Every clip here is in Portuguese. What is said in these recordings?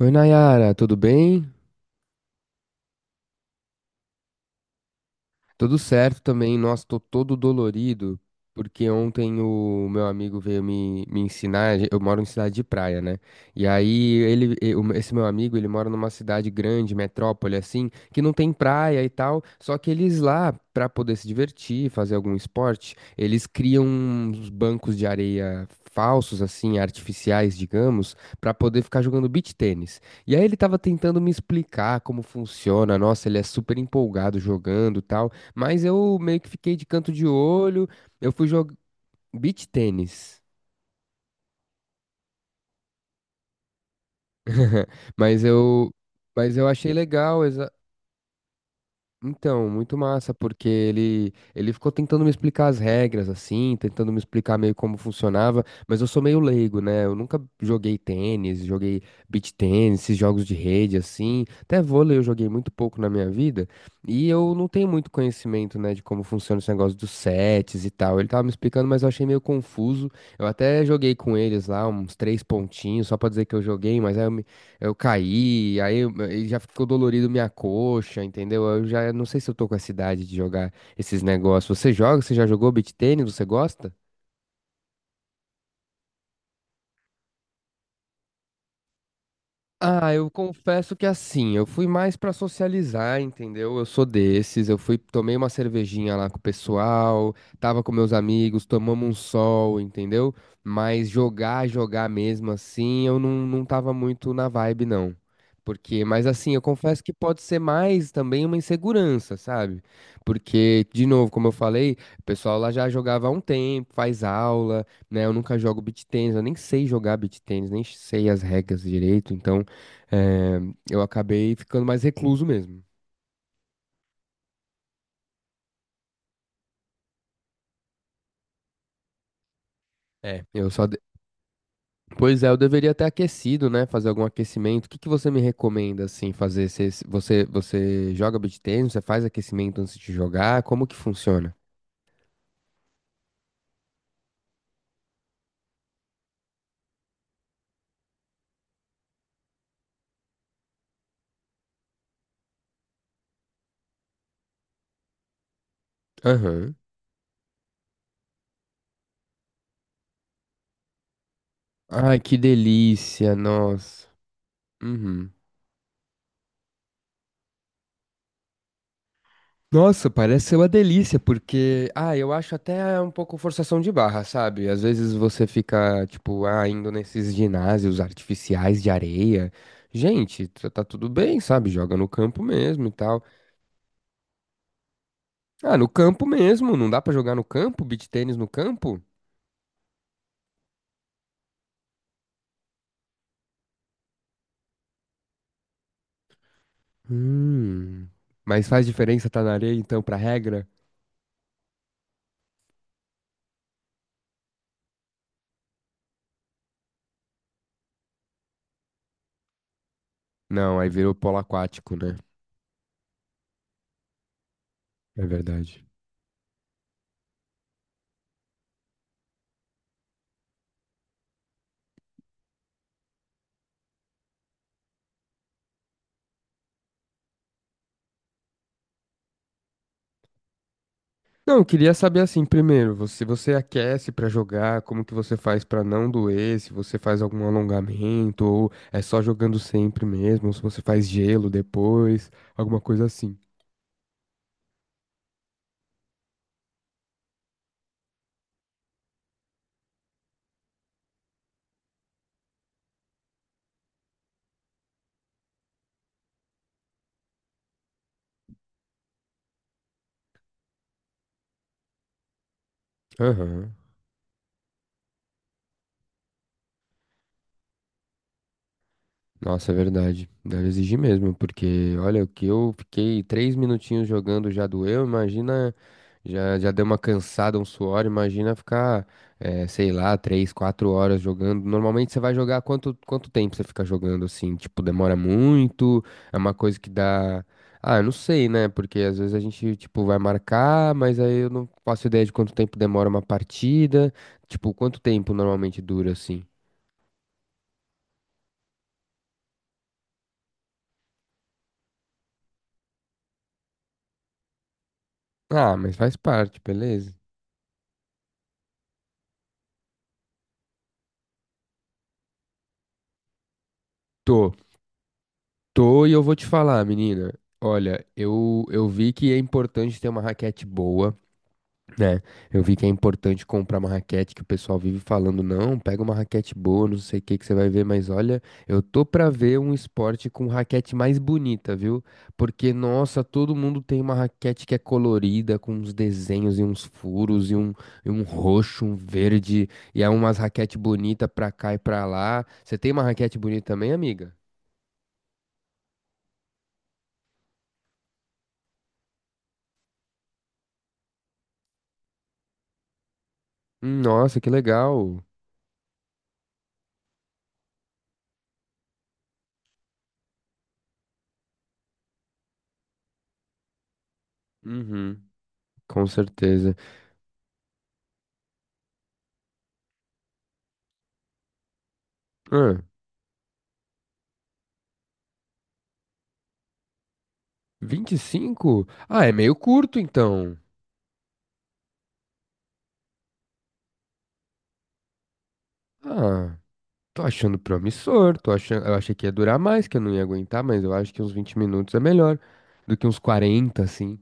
Oi, Nayara, tudo bem? Tudo certo também, nossa, tô todo dolorido, porque ontem o meu amigo veio me ensinar, eu moro em cidade de praia, né? E aí ele, esse meu amigo, ele mora numa cidade grande, metrópole assim, que não tem praia e tal, só que eles lá, pra poder se divertir, fazer algum esporte, eles criam uns bancos de areia falsos assim, artificiais, digamos, pra poder ficar jogando beach tênis. E aí ele tava tentando me explicar como funciona, nossa, ele é super empolgado jogando, e tal. Mas eu meio que fiquei de canto de olho. Eu fui jogar beach tênis. Mas eu, mas eu achei legal. Então, muito massa, porque ele ficou tentando me explicar as regras, assim, tentando me explicar meio como funcionava, mas eu sou meio leigo, né? Eu nunca joguei tênis, joguei beach tênis, esses jogos de rede, assim. Até vôlei eu joguei muito pouco na minha vida, e eu não tenho muito conhecimento, né, de como funciona esse negócio dos sets e tal. Ele tava me explicando, mas eu achei meio confuso. Eu até joguei com eles lá, uns três pontinhos, só pra dizer que eu joguei, mas eu caí, aí já ficou dolorido minha coxa, entendeu? Eu já não sei se eu tô com essa idade de jogar esses negócios. Você joga? Você já jogou beach tênis? Você gosta? Ah, eu confesso que assim, eu fui mais pra socializar, entendeu? Eu sou desses, eu fui, tomei uma cervejinha lá com o pessoal, tava com meus amigos, tomamos um sol, entendeu? Mas jogar, jogar mesmo assim, eu não tava muito na vibe, não. Porque, mas assim, eu confesso que pode ser mais também uma insegurança, sabe? Porque, de novo, como eu falei, o pessoal lá já jogava há um tempo, faz aula, né? Eu nunca jogo beach tennis, eu nem sei jogar beach tennis, nem sei as regras direito, então. É, eu acabei ficando mais recluso mesmo. É. Pois é, eu deveria ter aquecido, né? Fazer algum aquecimento. O que que você me recomenda, assim, fazer? Você joga beach tennis? Você faz aquecimento antes de jogar? Como que funciona? Aham. Ai, que delícia, nossa. Uhum. Nossa, parece ser uma delícia, porque, ah, eu acho até um pouco forçação de barra, sabe? Às vezes você fica, tipo, ah, indo nesses ginásios artificiais de areia. Gente, tá tudo bem, sabe? Joga no campo mesmo e tal. Ah, no campo mesmo, não dá pra jogar no campo? Beach tênis no campo? Hum. Mas faz diferença tá na areia, então, pra regra? Não, aí virou polo aquático, né? É verdade. Não, eu queria saber assim, primeiro, você aquece pra jogar, como que você faz pra não doer, se você faz algum alongamento, ou é só jogando sempre mesmo, ou se você faz gelo depois, alguma coisa assim. Aham. Nossa, é verdade. Deve exigir mesmo, porque olha, o que eu fiquei 3 minutinhos jogando já doeu, imagina, já deu uma cansada, um suor, imagina ficar, sei lá, 3, 4 horas jogando. Normalmente você vai jogar quanto tempo você fica jogando assim? Tipo, demora muito? É uma coisa que dá. Ah, eu não sei, né? Porque às vezes a gente, tipo, vai marcar, mas aí eu não faço ideia de quanto tempo demora uma partida. Tipo, quanto tempo normalmente dura assim? Ah, mas faz parte, beleza. tô Tô e eu vou te falar, menina. Olha, eu vi que é importante ter uma raquete boa, né? Eu vi que é importante comprar uma raquete que o pessoal vive falando, não, pega uma raquete boa, não sei o que que você vai ver, mas olha, eu tô pra ver um esporte com raquete mais bonita, viu? Porque, nossa, todo mundo tem uma raquete que é colorida, com uns desenhos e uns furos e um, roxo, um verde, e é umas raquete bonita pra cá e pra lá. Você tem uma raquete bonita também, amiga? Nossa, que legal. Uhum, com certeza. Ah, 25. Ah, é meio curto então. Ah, tô achando promissor, tô achando, eu achei que ia durar mais, que eu não ia aguentar, mas eu acho que uns 20 minutos é melhor do que uns 40, assim.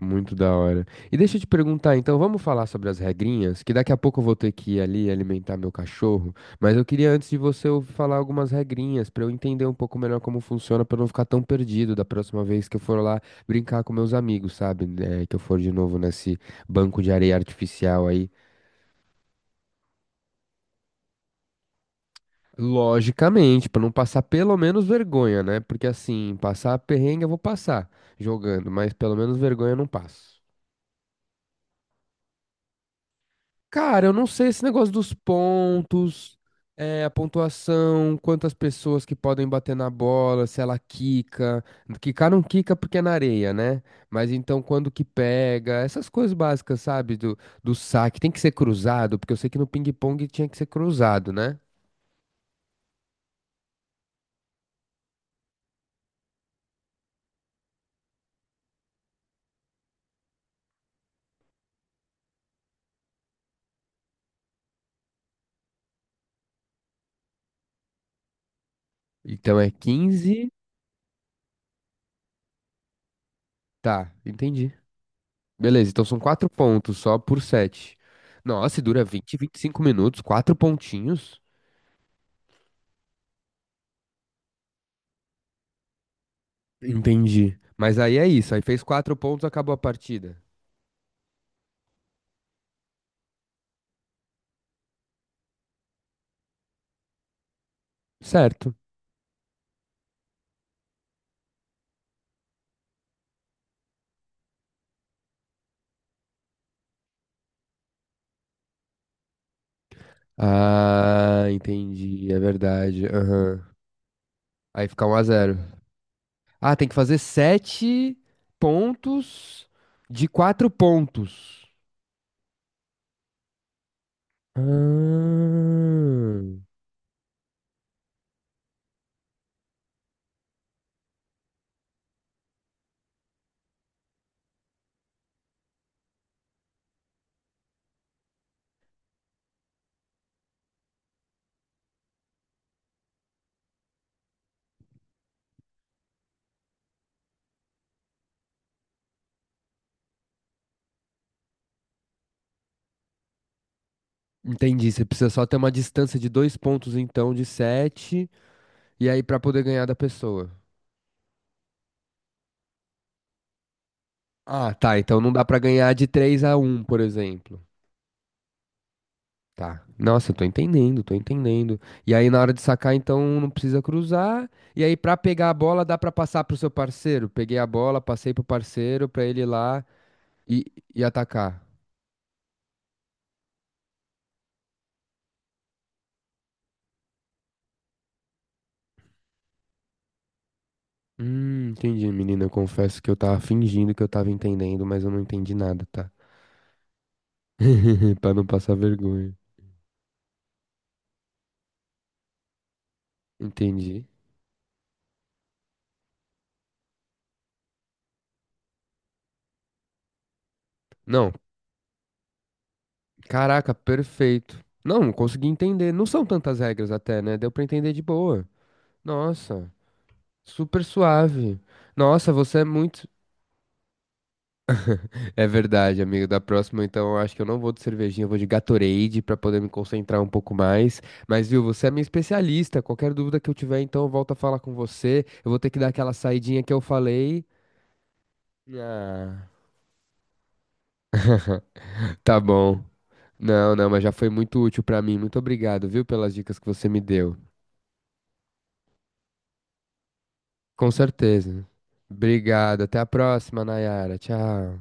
Muito da hora. E deixa eu te perguntar, então, vamos falar sobre as regrinhas, que daqui a pouco eu vou ter que ir ali alimentar meu cachorro, mas eu queria antes de você ouvir falar algumas regrinhas pra eu entender um pouco melhor como funciona, pra eu não ficar tão perdido da próxima vez que eu for lá brincar com meus amigos, sabe? É, que eu for de novo nesse banco de areia artificial aí. Logicamente, pra não passar pelo menos vergonha, né? Porque assim, passar perrengue eu vou passar jogando, mas pelo menos vergonha eu não passo. Cara, eu não sei esse negócio dos pontos, é, a pontuação, quantas pessoas que podem bater na bola, se ela quica. Quicar não quica porque é na areia, né? Mas então quando que pega, essas coisas básicas, sabe? Do saque. Tem que ser cruzado, porque eu sei que no ping-pong tinha que ser cruzado, né? Então é 15. Tá, entendi. Beleza, então são quatro pontos só por sete. Nossa, e dura 20, 25 minutos, quatro pontinhos. Entendi. Mas aí é isso. Aí fez quatro pontos, acabou a partida. Certo. Ah, entendi. É verdade. Aham. Aí fica 1 a 0. Ah, tem que fazer sete pontos de quatro pontos. Ah, entendi. Você precisa só ter uma distância de dois pontos, então, de sete, e aí pra poder ganhar da pessoa. Ah, tá. Então não dá pra ganhar de 3 a 1, por exemplo. Tá. Nossa, eu tô entendendo, tô entendendo. E aí na hora de sacar, então um não precisa cruzar. E aí pra pegar a bola dá pra passar pro seu parceiro. Peguei a bola, passei pro parceiro pra ele ir lá e, e atacar. Entendi, menina. Eu confesso que eu tava fingindo que eu tava entendendo, mas eu não entendi nada, tá? Pra não passar vergonha. Entendi. Não, caraca, perfeito. Não, não consegui entender. Não são tantas regras até, né? Deu pra entender de boa. Nossa, super suave. Nossa, você é muito. É verdade, amigo. Da próxima, então, eu acho que eu não vou de cervejinha, eu vou de Gatorade pra poder me concentrar um pouco mais. Mas, viu, você é minha especialista. Qualquer dúvida que eu tiver, então, eu volto a falar com você. Eu vou ter que dar aquela saidinha que eu falei. Ah, tá bom. Não, não, mas já foi muito útil pra mim. Muito obrigado, viu, pelas dicas que você me deu. Com certeza. Obrigado. Até a próxima, Nayara. Tchau.